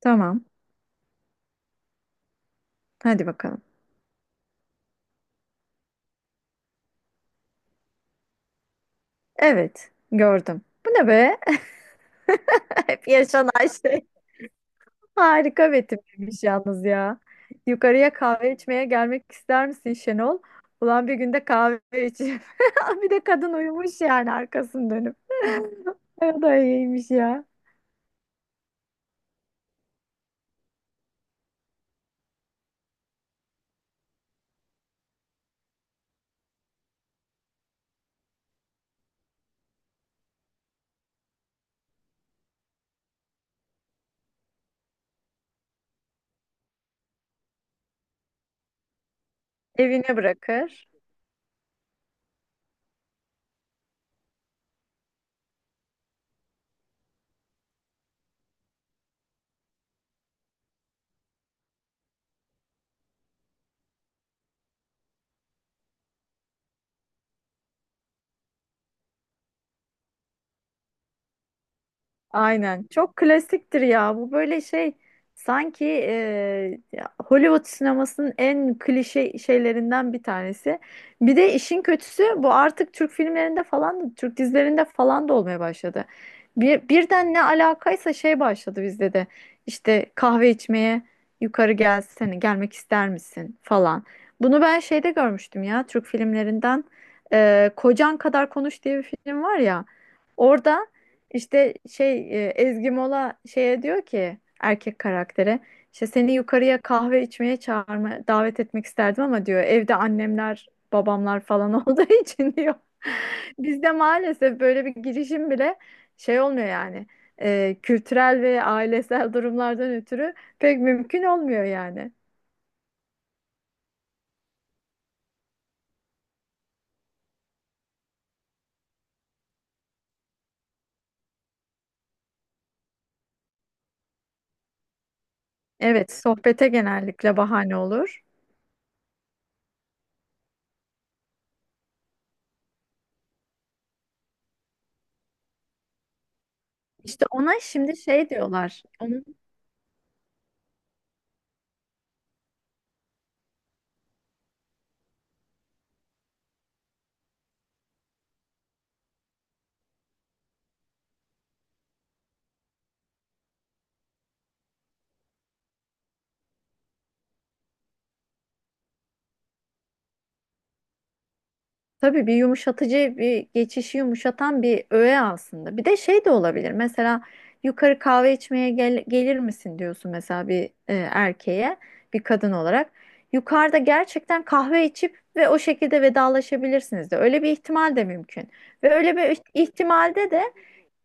Tamam. Hadi bakalım. Evet. Gördüm. Bu ne be? Hep yaşanan şey. Harika betimlemiş yalnız ya. Yukarıya kahve içmeye gelmek ister misin Şenol? Ulan bir günde kahve içeyim. Bir de kadın uyumuş yani arkasını dönüp. O da iyiymiş ya. Evine bırakır. Aynen. Çok klasiktir ya. Bu böyle şey sanki Hollywood sinemasının en klişe şeylerinden bir tanesi. Bir de işin kötüsü bu artık Türk filmlerinde falan da Türk dizilerinde falan da olmaya başladı. Birden ne alakaysa şey başladı bizde de. İşte kahve içmeye yukarı gelsene gelmek ister misin falan. Bunu ben şeyde görmüştüm ya Türk filmlerinden. Kocan Kadar Konuş diye bir film var ya. Orada işte şey Ezgi Mola şeye diyor ki erkek karaktere işte seni yukarıya kahve içmeye çağırma davet etmek isterdim ama diyor evde annemler babamlar falan olduğu için diyor. Bizde maalesef böyle bir girişim bile şey olmuyor yani. Kültürel ve ailesel durumlardan ötürü pek mümkün olmuyor yani. Evet, sohbete genellikle bahane olur. İşte ona şimdi şey diyorlar. Onun. Tabii bir yumuşatıcı bir geçişi yumuşatan bir öğe aslında. Bir de şey de olabilir. Mesela yukarı kahve içmeye gelir misin diyorsun mesela bir erkeğe bir kadın olarak. Yukarıda gerçekten kahve içip ve o şekilde vedalaşabilirsiniz de. Öyle bir ihtimal de mümkün. Ve öyle bir ihtimalde de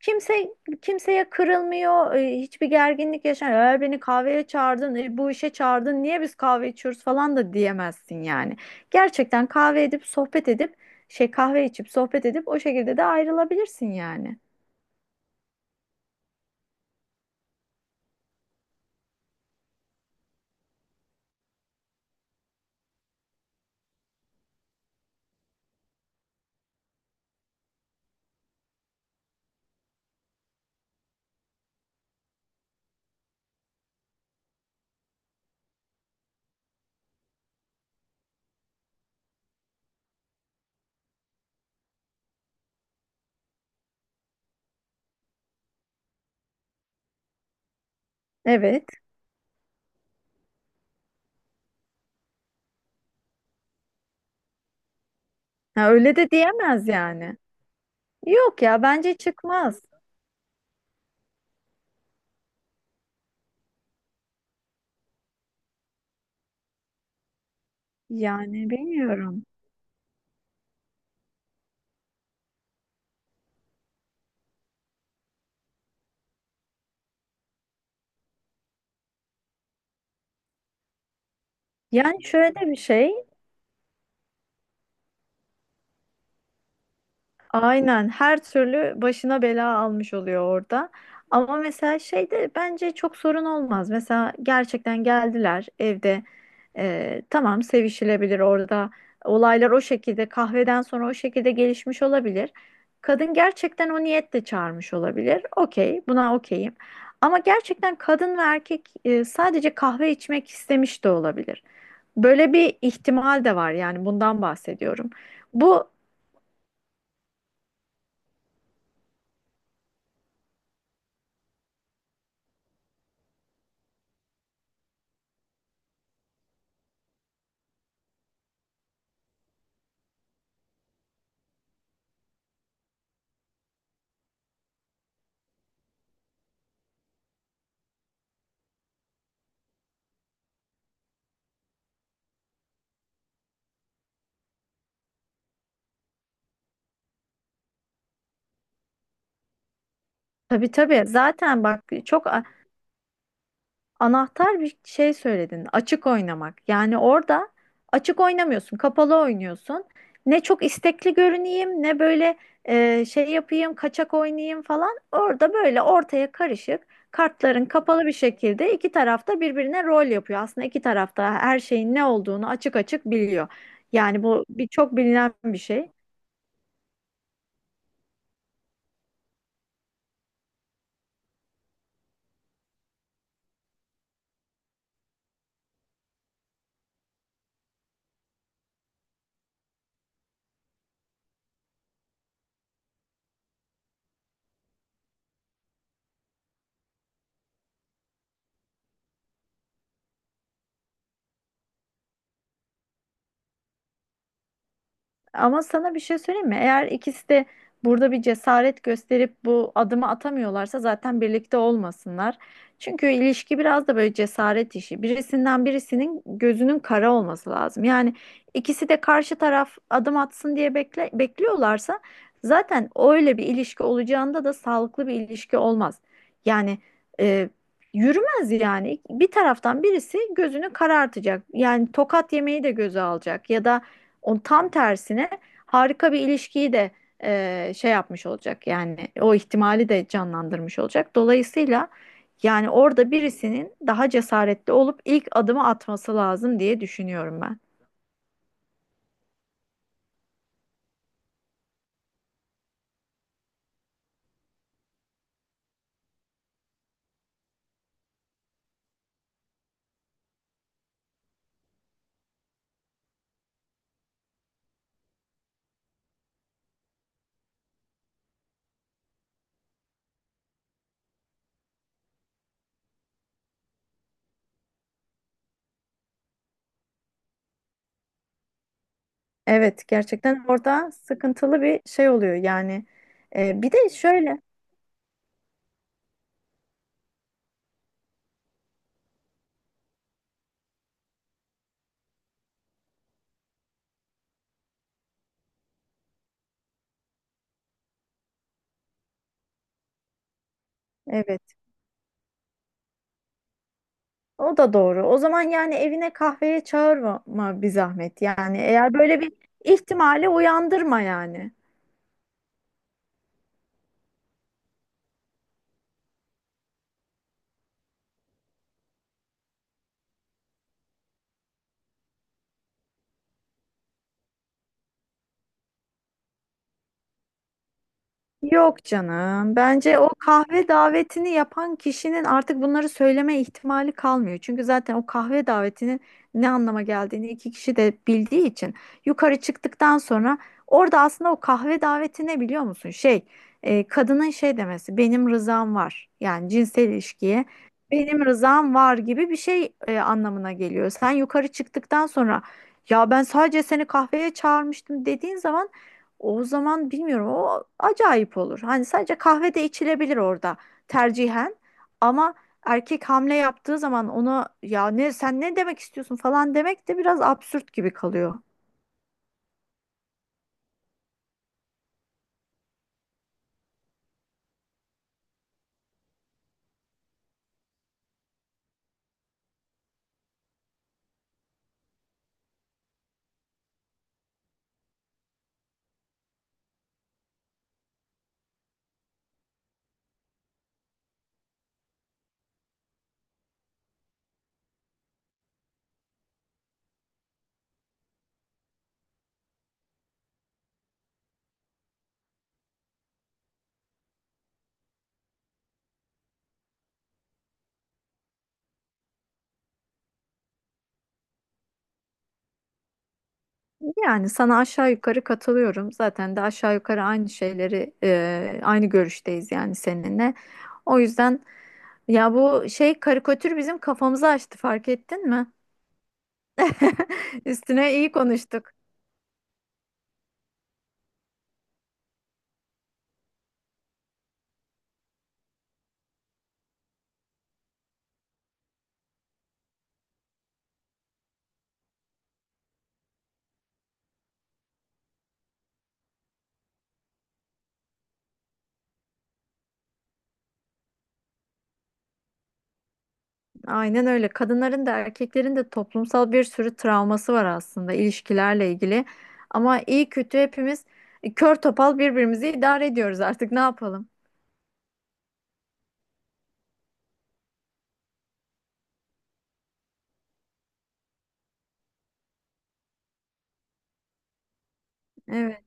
kimse kimseye kırılmıyor, hiçbir gerginlik yaşanmıyor. Eğer beni kahveye çağırdın, bu işe çağırdın, niye biz kahve içiyoruz falan da diyemezsin yani. Gerçekten kahve edip sohbet edip şey kahve içip sohbet edip o şekilde de ayrılabilirsin yani. Evet. Ha, öyle de diyemez yani. Yok ya bence çıkmaz. Yani bilmiyorum. Yani şöyle bir şey. Aynen her türlü başına bela almış oluyor orada. Ama mesela şeyde bence çok sorun olmaz. Mesela gerçekten geldiler evde. Tamam sevişilebilir orada. Olaylar o şekilde kahveden sonra o şekilde gelişmiş olabilir. Kadın gerçekten o niyetle çağırmış olabilir. Okey, buna okeyim. Ama gerçekten kadın ve erkek sadece kahve içmek istemiş de olabilir. Böyle bir ihtimal de var yani bundan bahsediyorum. Bu. Tabii tabii. Zaten bak çok anahtar bir şey söyledin. Açık oynamak. Yani orada açık oynamıyorsun, kapalı oynuyorsun. Ne çok istekli görüneyim, ne böyle şey yapayım, kaçak oynayayım falan. Orada böyle ortaya karışık, kartların kapalı bir şekilde iki tarafta birbirine rol yapıyor. Aslında iki tarafta her şeyin ne olduğunu açık açık biliyor. Yani bu bir çok bilinen bir şey. Ama sana bir şey söyleyeyim mi? Eğer ikisi de burada bir cesaret gösterip bu adımı atamıyorlarsa zaten birlikte olmasınlar. Çünkü ilişki biraz da böyle cesaret işi. Birisinden birisinin gözünün kara olması lazım. Yani ikisi de karşı taraf adım atsın diye bekliyorlarsa zaten öyle bir ilişki olacağında da sağlıklı bir ilişki olmaz. Yani e, yürümez yani. Bir taraftan birisi gözünü karartacak. Yani tokat yemeyi de göze alacak ya da o tam tersine harika bir ilişkiyi de şey yapmış olacak yani o ihtimali de canlandırmış olacak. Dolayısıyla yani orada birisinin daha cesaretli olup ilk adımı atması lazım diye düşünüyorum ben. Evet, gerçekten orada sıkıntılı bir şey oluyor yani. Bir de şöyle, evet, o da doğru. O zaman yani evine kahveye çağırma bir zahmet yani eğer böyle bir ihtimali uyandırma yani. Yok canım. Bence o kahve davetini yapan kişinin artık bunları söyleme ihtimali kalmıyor. Çünkü zaten o kahve davetinin ne anlama geldiğini iki kişi de bildiği için yukarı çıktıktan sonra orada aslında o kahve daveti ne biliyor musun? Şey, kadının şey demesi benim rızam var. Yani cinsel ilişkiye benim rızam var gibi bir şey anlamına geliyor. Sen yukarı çıktıktan sonra ya ben sadece seni kahveye çağırmıştım dediğin zaman o zaman bilmiyorum o acayip olur. Hani sadece kahve de içilebilir orada tercihen. Ama erkek hamle yaptığı zaman ona ya ne sen ne demek istiyorsun falan demek de biraz absürt gibi kalıyor. Yani sana aşağı yukarı katılıyorum. Zaten de aşağı yukarı aynı şeyleri aynı görüşteyiz yani seninle. O yüzden ya bu şey karikatür bizim kafamızı açtı fark ettin mi? Üstüne iyi konuştuk. Aynen öyle. Kadınların da erkeklerin de toplumsal bir sürü travması var aslında ilişkilerle ilgili. Ama iyi kötü hepimiz kör topal birbirimizi idare ediyoruz artık ne yapalım? Evet.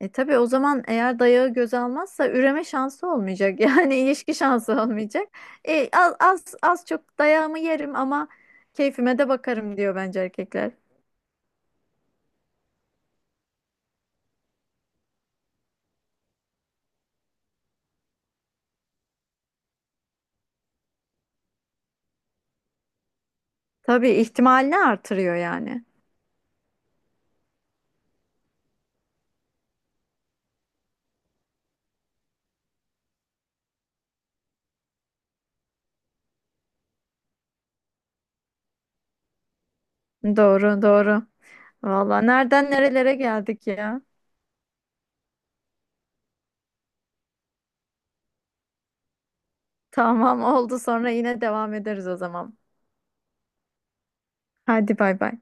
E tabii o zaman eğer dayağı göze almazsa üreme şansı olmayacak. Yani ilişki şansı olmayacak. E, az çok dayağımı yerim ama keyfime de bakarım diyor bence erkekler. Tabii ihtimalini artırıyor yani. Doğru, doğru. Vallahi nereden nerelere geldik ya. Tamam oldu sonra yine devam ederiz o zaman. Hadi bay bay.